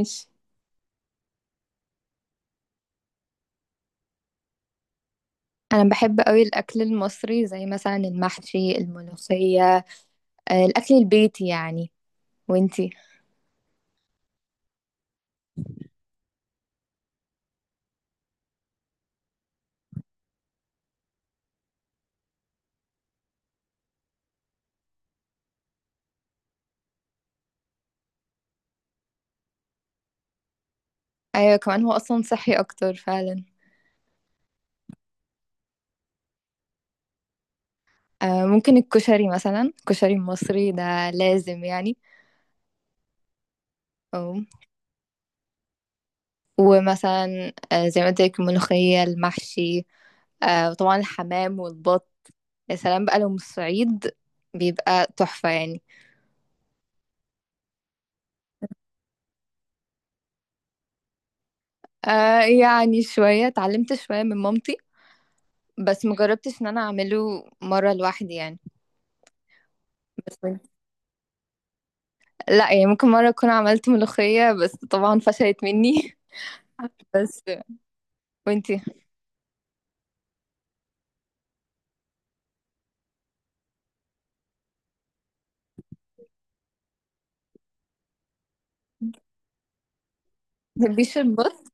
ماشي. انا بحب قوي الاكل المصري زي مثلا المحشي الملوخيه. الاكل البيتي يعني. وانتي؟ ايوه، كمان هو اصلا صحي اكتر فعلا. ممكن الكشري مثلا، الكشري المصري ده لازم يعني. أو. ومثلا زي ما قلت لك الملوخيه المحشي، وطبعا الحمام والبط. يا سلام بقى لو من الصعيد، بيبقى تحفه يعني. يعني شويه اتعلمت شويه من مامتي. بس مجربتش ان انا اعمله مره لوحدي يعني. لأ، يعني ممكن مرّة أكون عملت ملوخية، بس طبعًا فشلت منّي. بس وأنتِ ما بتحبيش البط؟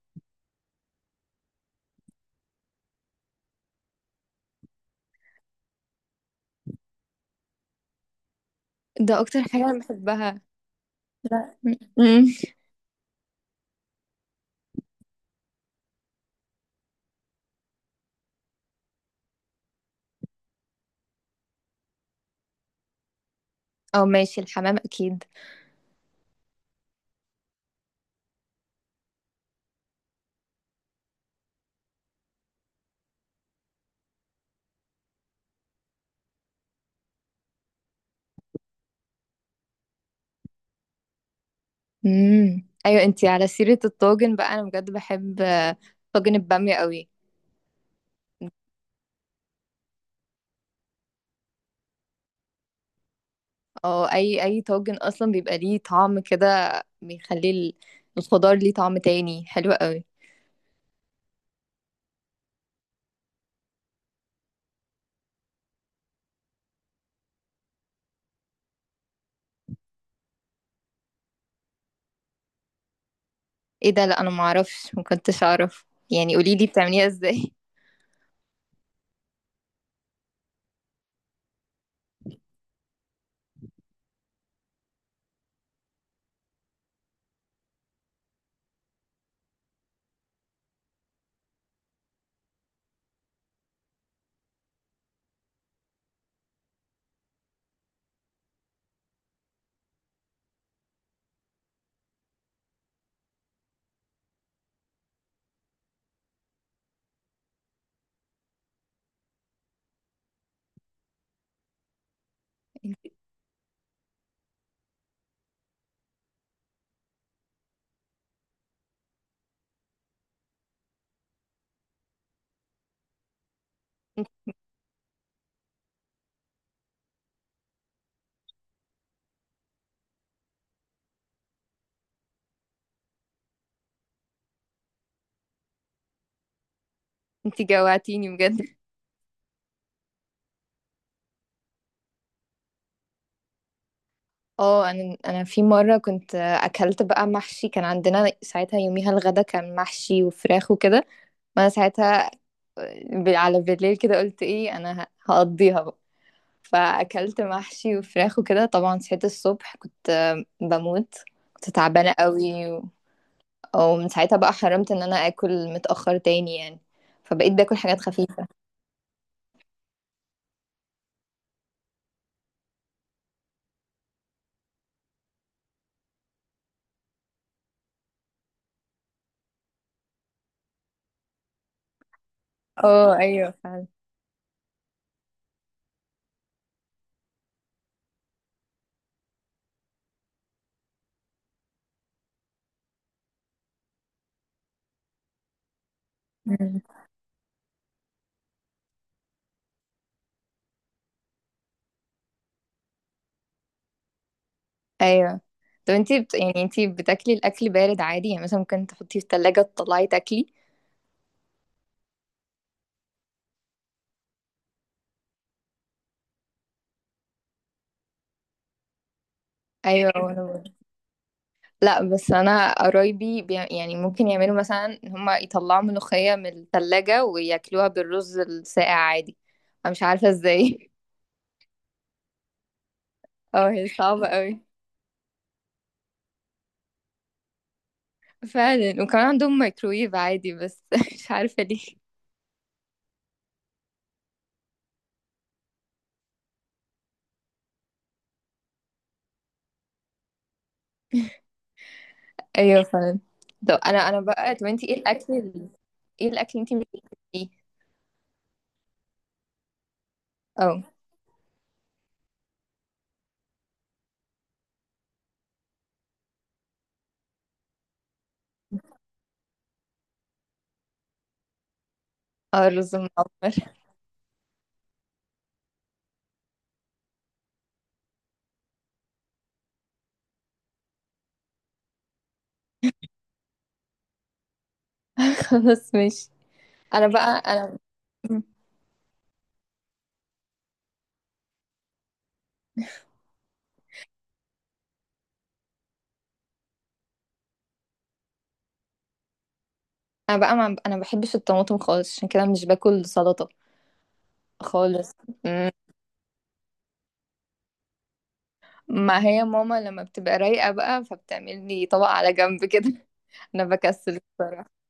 ده أكتر حاجة أنا باحبها. لأ، إمم، ماشي، الحمام أكيد. إمم، أيوه أنتِ على سيرة الطاجن بقى، أنا بجد باحب طاجن البامية أوي. أي طاجن أصلًا بيبقى ليه طعم كده، بيخلّي الخضار ليه طعم تاني، حلو أوي. إيه ده! لأ، أنا ما أعرفش، ما كنتش أعرف، يعني قولي لي بتعمليها إزاي؟ انتي جوعتيني بجد. اه، انا في مره كنت اكلت بقى محشي، كان عندنا ساعتها يوميها الغدا كان محشي وفراخ وكده، وانا ساعتها على بالليل كده قلت ايه، انا هقضيها بقى، فاكلت محشي وفراخ وكده. طبعا صحيت الصبح كنت بموت، كنت تعبانه قوي. ومن ساعتها بقى حرمت ان انا اكل متأخر تاني يعني، فبقيت باكل حاجات خفيفة. اه ايوه فعلا. مم. ايوه، طب انتي يعني انتي بتاكلي الاكل بارد عادي؟ يعني مثلا ممكن تحطيه في التلاجة تطلعي تاكلي؟ ايوه وانا برضه. لا، بس انا قرايبي يعني ممكن يعملوا مثلا ان هما يطلعوا ملوخية من التلاجة وياكلوها بالرز الساقع عادي. انا مش عارفة ازاي. اه، هي صعبة قوي فعلا. وكمان عندهم مايكرويف عادي بس. مش عارفة. ايوه فعلا. طب انا انا بقى طب انتي ايه الاكل ايه الاكل انتي مش بتحبيه؟ اه. اه، الرز المعمر. خلاص ماشي. انا بقى، ما انا ما بحبش الطماطم خالص، عشان كده مش باكل سلطة خالص. مم. ما هي ماما لما بتبقى رايقة بقى فبتعمل لي طبق على جنب كده. انا بكسل بصراحة.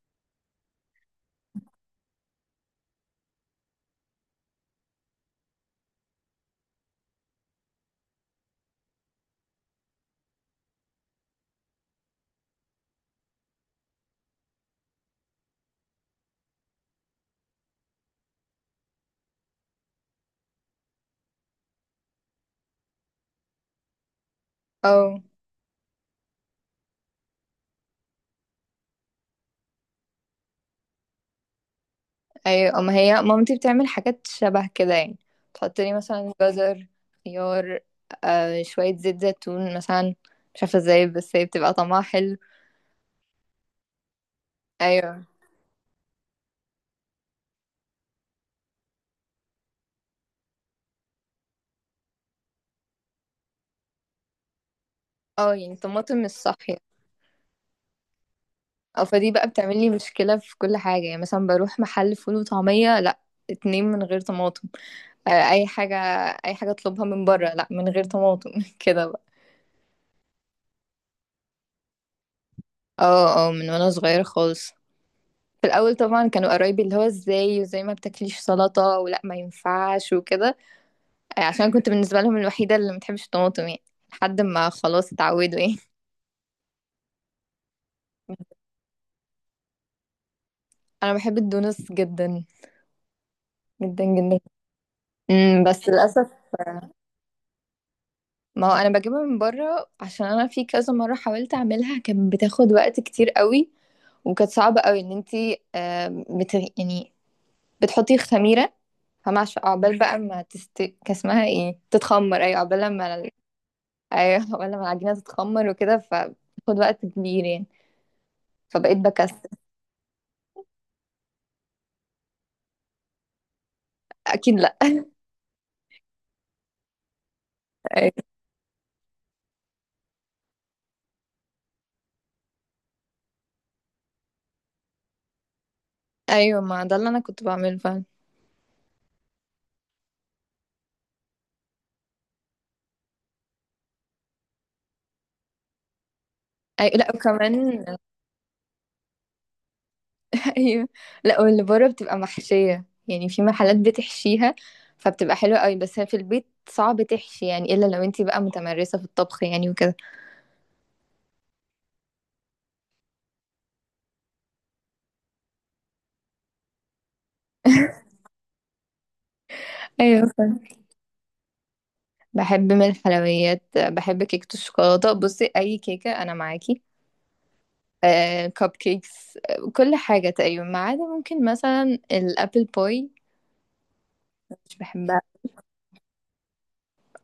اه ايوه، ما هي مامتي بتعمل حاجات شبه كده يعني، تحط لي مثلا جزر، خيار، شوية زيت زيتون مثلا. مش عارفة ازاي بس هي بتبقى طعمها حلو. ايوه، اه يعني طماطم مش صاحية. او فدي بقى بتعمل لي مشكلة في كل حاجة، يعني مثلا بروح محل فول وطعمية، لا، اتنين من غير طماطم. اي حاجة، اي حاجة اطلبها من بره لا من غير طماطم. كده بقى. اه، اه، من وانا صغيرة خالص. في الاول طبعا كانوا قرايبي اللي هو ازاي، وزي ما بتاكليش سلطة ولا ما ينفعش وكده، عشان كنت بالنسبة لهم الوحيدة اللي ما بتحبش الطماطم يعني، لحد ما خلاص اتعودوا يعني. انا بحب الدونس جدا، جدا جدا. امم، بس للاسف. آه، ما هو انا بجيبها من بره، عشان انا في كذا مرة حاولت اعملها، كانت بتاخد وقت كتير قوي، وكانت صعبة قوي ان انتي يعني بتحطي خميرة، عقبال بقى ما تست كان اسمها ايه تتخمر، ايوه عقبال ما ايوه عقبال ما العجينة تتخمر وكده، فبتاخد وقت كبير يعني، فبقيت بكسل. اكيد. لا. ايوه، ما ده اللي انا كنت بعمله فعلا. ايوه. لا وكمان. ايوه. لا، واللي بره بتبقى محشيه يعني، في محلات بتحشيها فبتبقى حلوه قوي، بس هي في البيت صعب تحشي يعني، الا لو انتي بقى متمرسه في الطبخ يعني وكده. ايوه فعلا. بحب من الحلويات، بحب كيكه الشوكولاته، بصي اي كيكه انا معاكي. كب كيكس، كل حاجه تقريبا، ما عدا ممكن مثلا الابل باي، مش بحبها.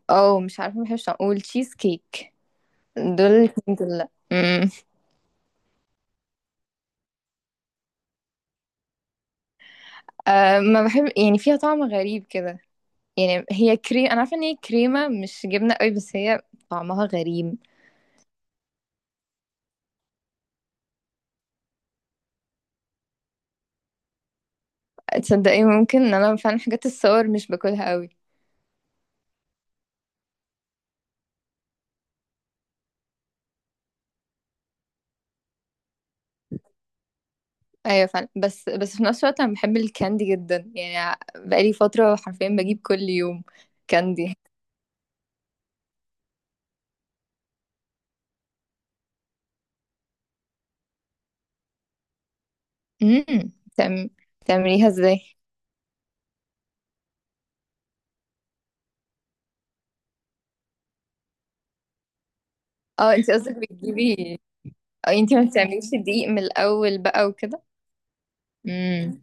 او مش عارفه، مش هقول تشيز كيك. دول الاتنين دول لا. أه، ما بحب، يعني فيها طعم غريب كده، يعني هي كريم، انا عارفه ان هي كريمه مش جبنه قوي، بس هي طعمها غريب. تصدقي ممكن ان انا فعلا حاجات الصور مش باكلها قوي. ايوه فعلا. بس في نفس الوقت انا بحب الكاندي جدا، يعني بقالي فتره حرفيا بجيب كل يوم كاندي. امم. تعم... تعمليها ازاي؟ اه انت قصدك بتجيبي؟ اه انت ما بتعمليش الدقيق من الاول بقى وكده؟ امم.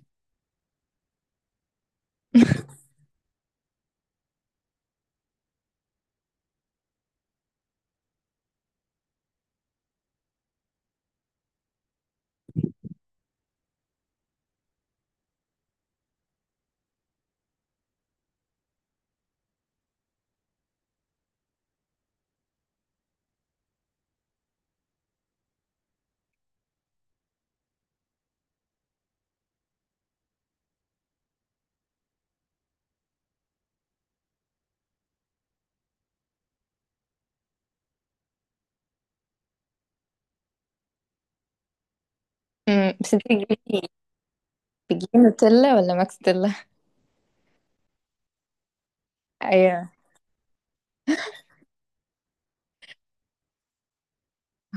امم، بس انت بتجيبي، بتجيبي نوتيلا ولا ماكس تيلا؟ ايوه.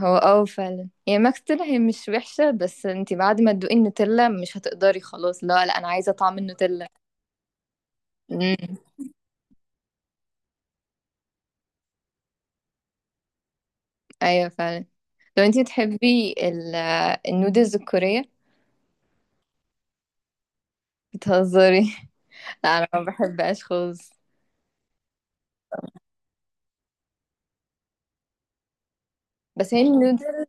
هو اه فعلا، يعني ماكس تيلا هي مش وحشة، بس انتي بعد ما تدوقي النوتيلا مش هتقدري، خلاص لا لا، انا عايزة طعم النوتيلا. امم. ايوه فعلا. لو انتي بتحبي النودلز الكورية؟ بتهزري؟ لا انا ما بحبهاش خالص. بس هي النودل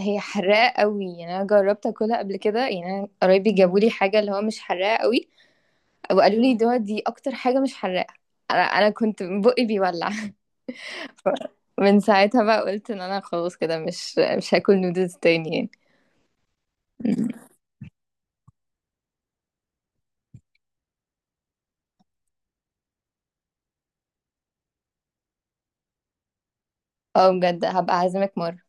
هي حراقة قوي، يعني انا جربت اكلها قبل كده، يعني انا قرايبي جابوا لي حاجة اللي هو مش حراقة قوي، وقالوا لي دي دي اكتر حاجة مش حراقة، انا كنت بقي بيولع. من ساعتها بقى قلت ان انا خلاص كده مش هاكل نودلز تاني يعني. مم. اه بجد، هبقى اعزمك مرة.